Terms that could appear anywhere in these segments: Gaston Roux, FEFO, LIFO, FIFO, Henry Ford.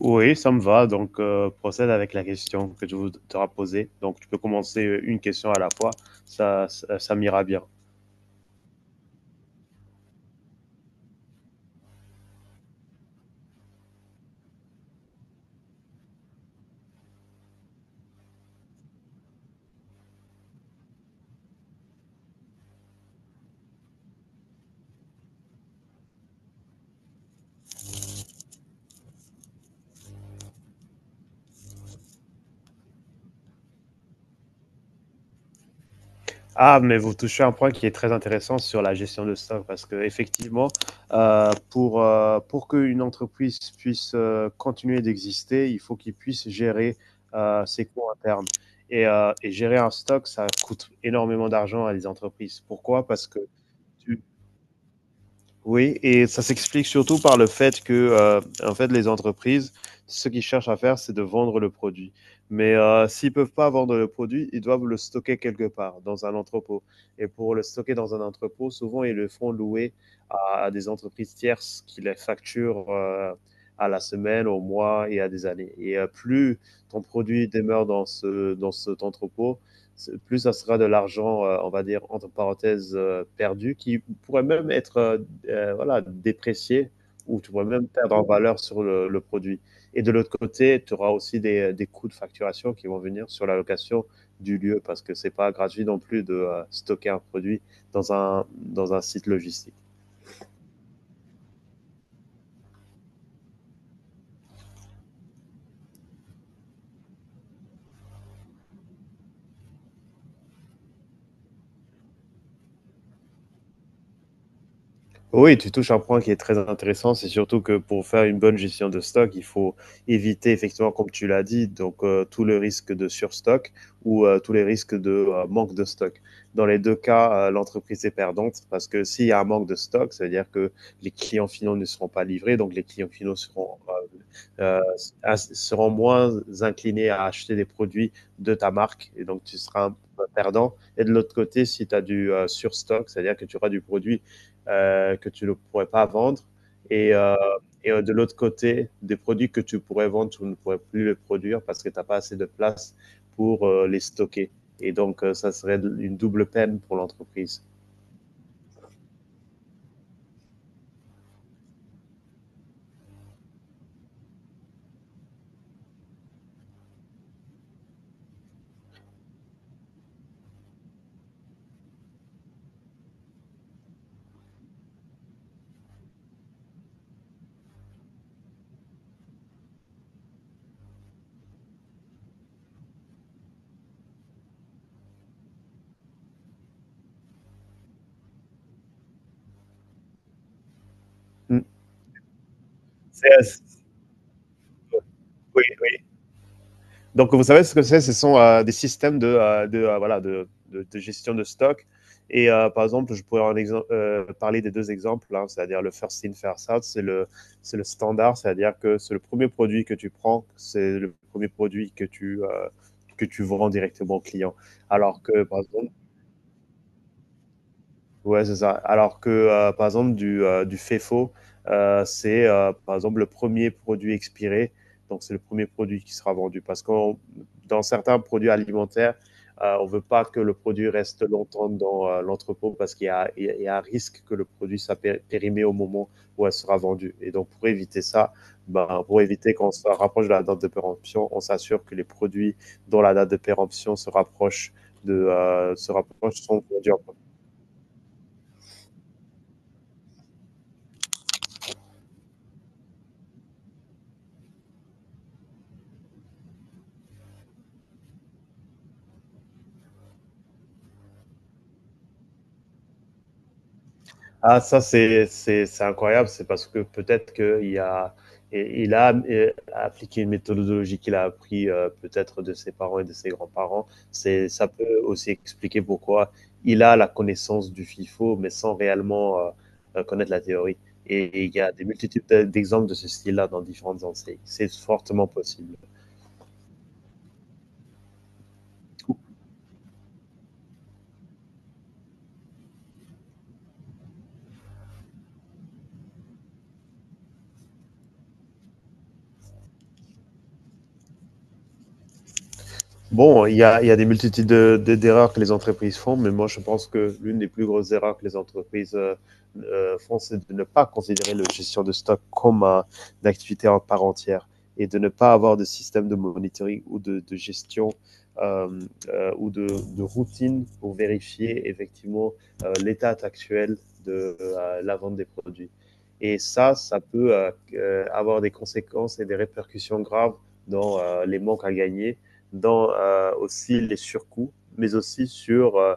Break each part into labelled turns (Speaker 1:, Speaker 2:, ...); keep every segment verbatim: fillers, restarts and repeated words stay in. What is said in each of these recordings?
Speaker 1: Oui, ça me va. Donc, euh, procède avec la question que tu voudras poser. Donc, tu peux commencer une question à la fois. Ça, ça, ça m'ira bien. Ah, mais vous touchez un point qui est très intéressant sur la gestion de stock parce que effectivement, euh, pour euh, pour qu'une entreprise puisse euh, continuer d'exister, il faut qu'il puisse gérer euh, ses coûts internes. Et, euh, et gérer un stock, ça coûte énormément d'argent à des entreprises. Pourquoi? Parce que Oui, et ça s'explique surtout par le fait que, euh, en fait, les entreprises, ce qu'ils cherchent à faire, c'est de vendre le produit. Mais euh, s'ils peuvent pas vendre le produit, ils doivent le stocker quelque part, dans un entrepôt. Et pour le stocker dans un entrepôt, souvent, ils le font louer à, à des entreprises tierces qui les facturent euh, à la semaine, au mois et à des années. Et euh, plus ton produit demeure dans ce, dans cet entrepôt, c'est- plus ça sera de l'argent, euh, on va dire, entre parenthèses, euh, perdu, qui pourrait même être euh, euh, voilà, déprécier ou tu vas même perdre en valeur sur le, le produit. Et de l'autre côté, tu auras aussi des, des coûts de facturation qui vont venir sur la location du lieu parce que c'est pas gratuit non plus de euh, stocker un produit dans un, dans un site logistique. Oui, tu touches un point qui est très intéressant. C'est surtout que pour faire une bonne gestion de stock, il faut éviter effectivement, comme tu l'as dit, donc euh, tout le risque de surstock ou euh, tous les risques de euh, manque de stock. Dans les deux cas, euh, l'entreprise est perdante parce que s'il y a un manque de stock, ça veut dire que les clients finaux ne seront pas livrés, donc les clients finaux seront, euh, euh, as- seront moins inclinés à acheter des produits de ta marque et donc tu seras un perdant. Et de l'autre côté, si tu as du euh, surstock, c'est-à-dire que tu auras du produit euh, que tu ne pourrais pas vendre. Et, euh, et euh, de l'autre côté, des produits que tu pourrais vendre, tu ne pourrais plus les produire parce que tu n'as pas assez de place pour euh, les stocker. Et donc, euh, ça serait une double peine pour l'entreprise. Mm. C'est, euh, oui. Donc, vous savez ce que c'est. Ce sont euh, des systèmes de, euh, de, euh, voilà, de, de, de, gestion de stock. Et euh, par exemple, je pourrais en exemple, euh, parler des deux exemples, hein, c'est-à-dire le first in, first out, c'est le, c'est le standard, c'est-à-dire que c'est le premier produit que tu prends, c'est le premier produit que tu, euh, que tu vends directement au client. Alors que, par exemple, ouais, c'est ça. Alors que, euh, par exemple, du, euh, du FEFO, euh, c'est euh, par exemple le premier produit expiré. Donc, c'est le premier produit qui sera vendu. Parce que dans certains produits alimentaires, euh, on ne veut pas que le produit reste longtemps dans euh, l'entrepôt parce qu'il y a, il y a- il y a un risque que le produit soit pé- périmé au moment où elle sera vendue. Et donc, pour éviter ça, ben, pour éviter qu'on se rapproche de la date de péremption, on s'assure que les produits dont la date de péremption se rapproche de, euh, se rapproche sont vendus en premier. Ah, ça, c'est c'est- c'est incroyable. C'est parce que peut-être qu'il a, et- il a euh, appliqué une méthodologie qu'il a appris euh, peut-être de ses parents et de ses grands-parents. C'est, ça peut aussi expliquer pourquoi il a la connaissance du FIFO, mais sans réellement euh, euh, connaître la théorie. Et, et il y a des multitudes d'exemples de ce style-là dans différentes enseignes. C'est fortement possible. Bon, il y a, il y a des multitudes de- de- d'erreurs que les entreprises font, mais moi je pense que l'une des plus grosses erreurs que les entreprises euh, euh, font, c'est de ne pas considérer la gestion de stock comme un- une activité en part entière et de ne pas avoir de système de monitoring ou de, de gestion euh, euh, ou de, de routine pour vérifier effectivement euh, l'état actuel de euh, la vente des produits. Et ça, ça peut euh, euh, avoir des conséquences et des répercussions graves dans euh, les manques à gagner dans euh, aussi les surcoûts, mais aussi sur euh,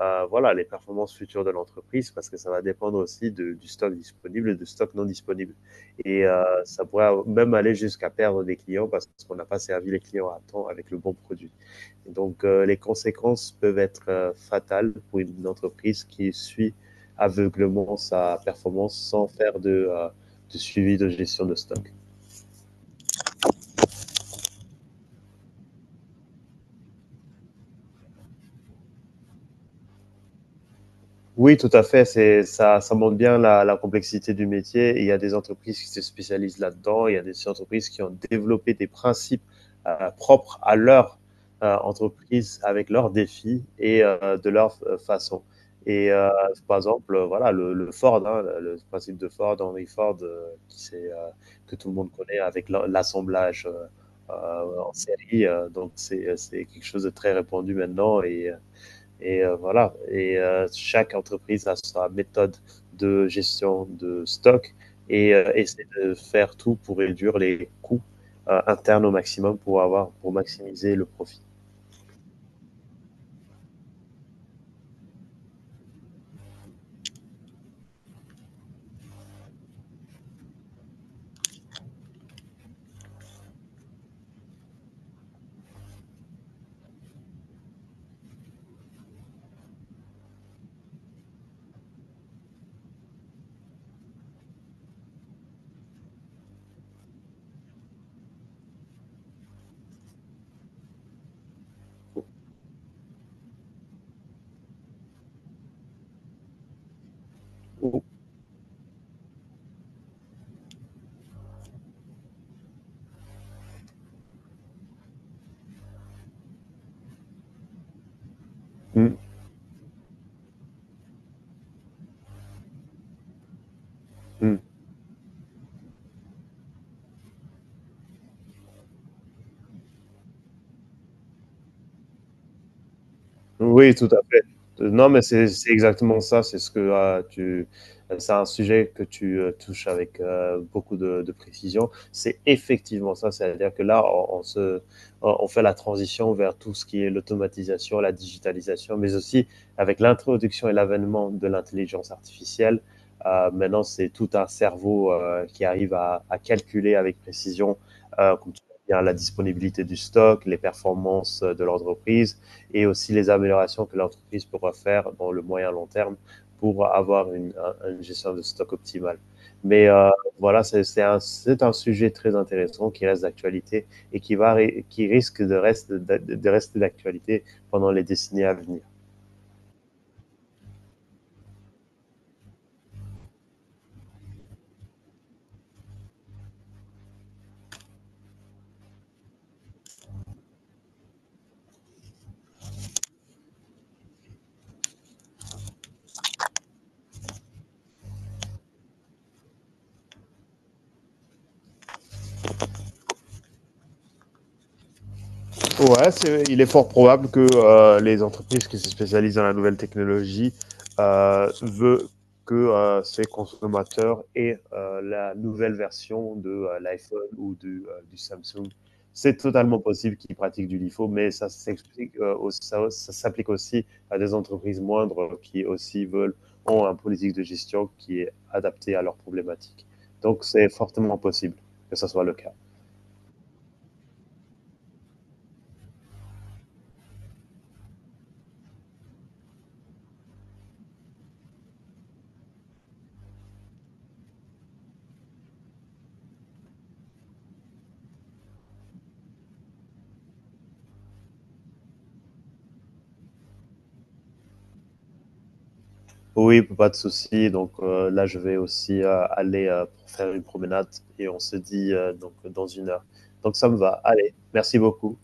Speaker 1: euh, voilà, les performances futures de l'entreprise, parce que ça va dépendre aussi de, du stock disponible et du stock non disponible. Et euh, ça pourrait même aller jusqu'à perdre des clients parce qu'on n'a pas servi les clients à temps avec le bon produit. Et donc euh, les conséquences peuvent être euh, fatales pour une entreprise qui suit aveuglément sa performance sans faire de, euh, de suivi de gestion de stock. Oui, tout à fait. C'est, ça, ça montre bien la, la complexité du métier. Et il y a des entreprises qui se spécialisent là-dedans. Il y a des entreprises qui ont développé des principes euh, propres à leur euh, entreprise avec leurs défis et euh, de leur euh, façon. Et euh, par exemple, euh, voilà, le, le Ford, hein, le le principe de Ford, Henry Ford, euh, qui c'est, euh, que tout le monde connaît avec l'en- l'assemblage euh, euh, en série. Euh, donc, c'est, euh, c'est quelque chose de très répandu maintenant. Et euh, et euh, voilà. Et euh, chaque entreprise a sa méthode de gestion de stock et euh, essaie de faire tout pour réduire les coûts euh, internes au maximum pour avoir pour maximiser le profit. Mm, mm. Oui, tout à fait. Non, mais c'est c'est exactement ça. C'est ce que, heu, tu c'est un sujet que tu, heu, touches avec, heu, beaucoup de de précision. C'est effectivement ça. C'est-à-dire que là, on on se on on fait la transition vers tout ce qui est l'automatisation, la digitalisation, mais aussi avec l'introduction et l'avènement de l'intelligence artificielle, heu, maintenant, c'est tout un cerveau, heu, qui arrive à à calculer avec précision, heu, comme tu l'as dit, hein, la disponibilité du stock, les performances euh, de l'entreprise, et aussi les améliorations que l'entreprise pourra faire dans le moyen long terme pour avoir une, une gestion de stock optimale. Mais euh, voilà, c'est un, un, sujet très intéressant qui reste d'actualité et qui, va, qui risque de, reste, de, de rester d'actualité pendant les décennies à venir. ouais, est, il est fort probable que euh, les entreprises qui se spécialisent dans la nouvelle technologie euh, veulent que euh, ces consommateurs aient euh, la nouvelle version de euh, l'iPhone ou de, euh, du Samsung. C'est totalement possible qu'ils pratiquent du LIFO, mais ça s'explique, euh, ça, ça s'applique aussi à des entreprises moindres qui aussi veulent ont un politique de gestion qui est adapté à leurs problématiques. Donc c'est fortement possible que ce soit le cas. Oui, pas de souci. Donc euh, là, je vais aussi euh, aller euh, pour faire une promenade et on se dit euh, donc dans une heure. Donc ça me va. Allez, merci beaucoup.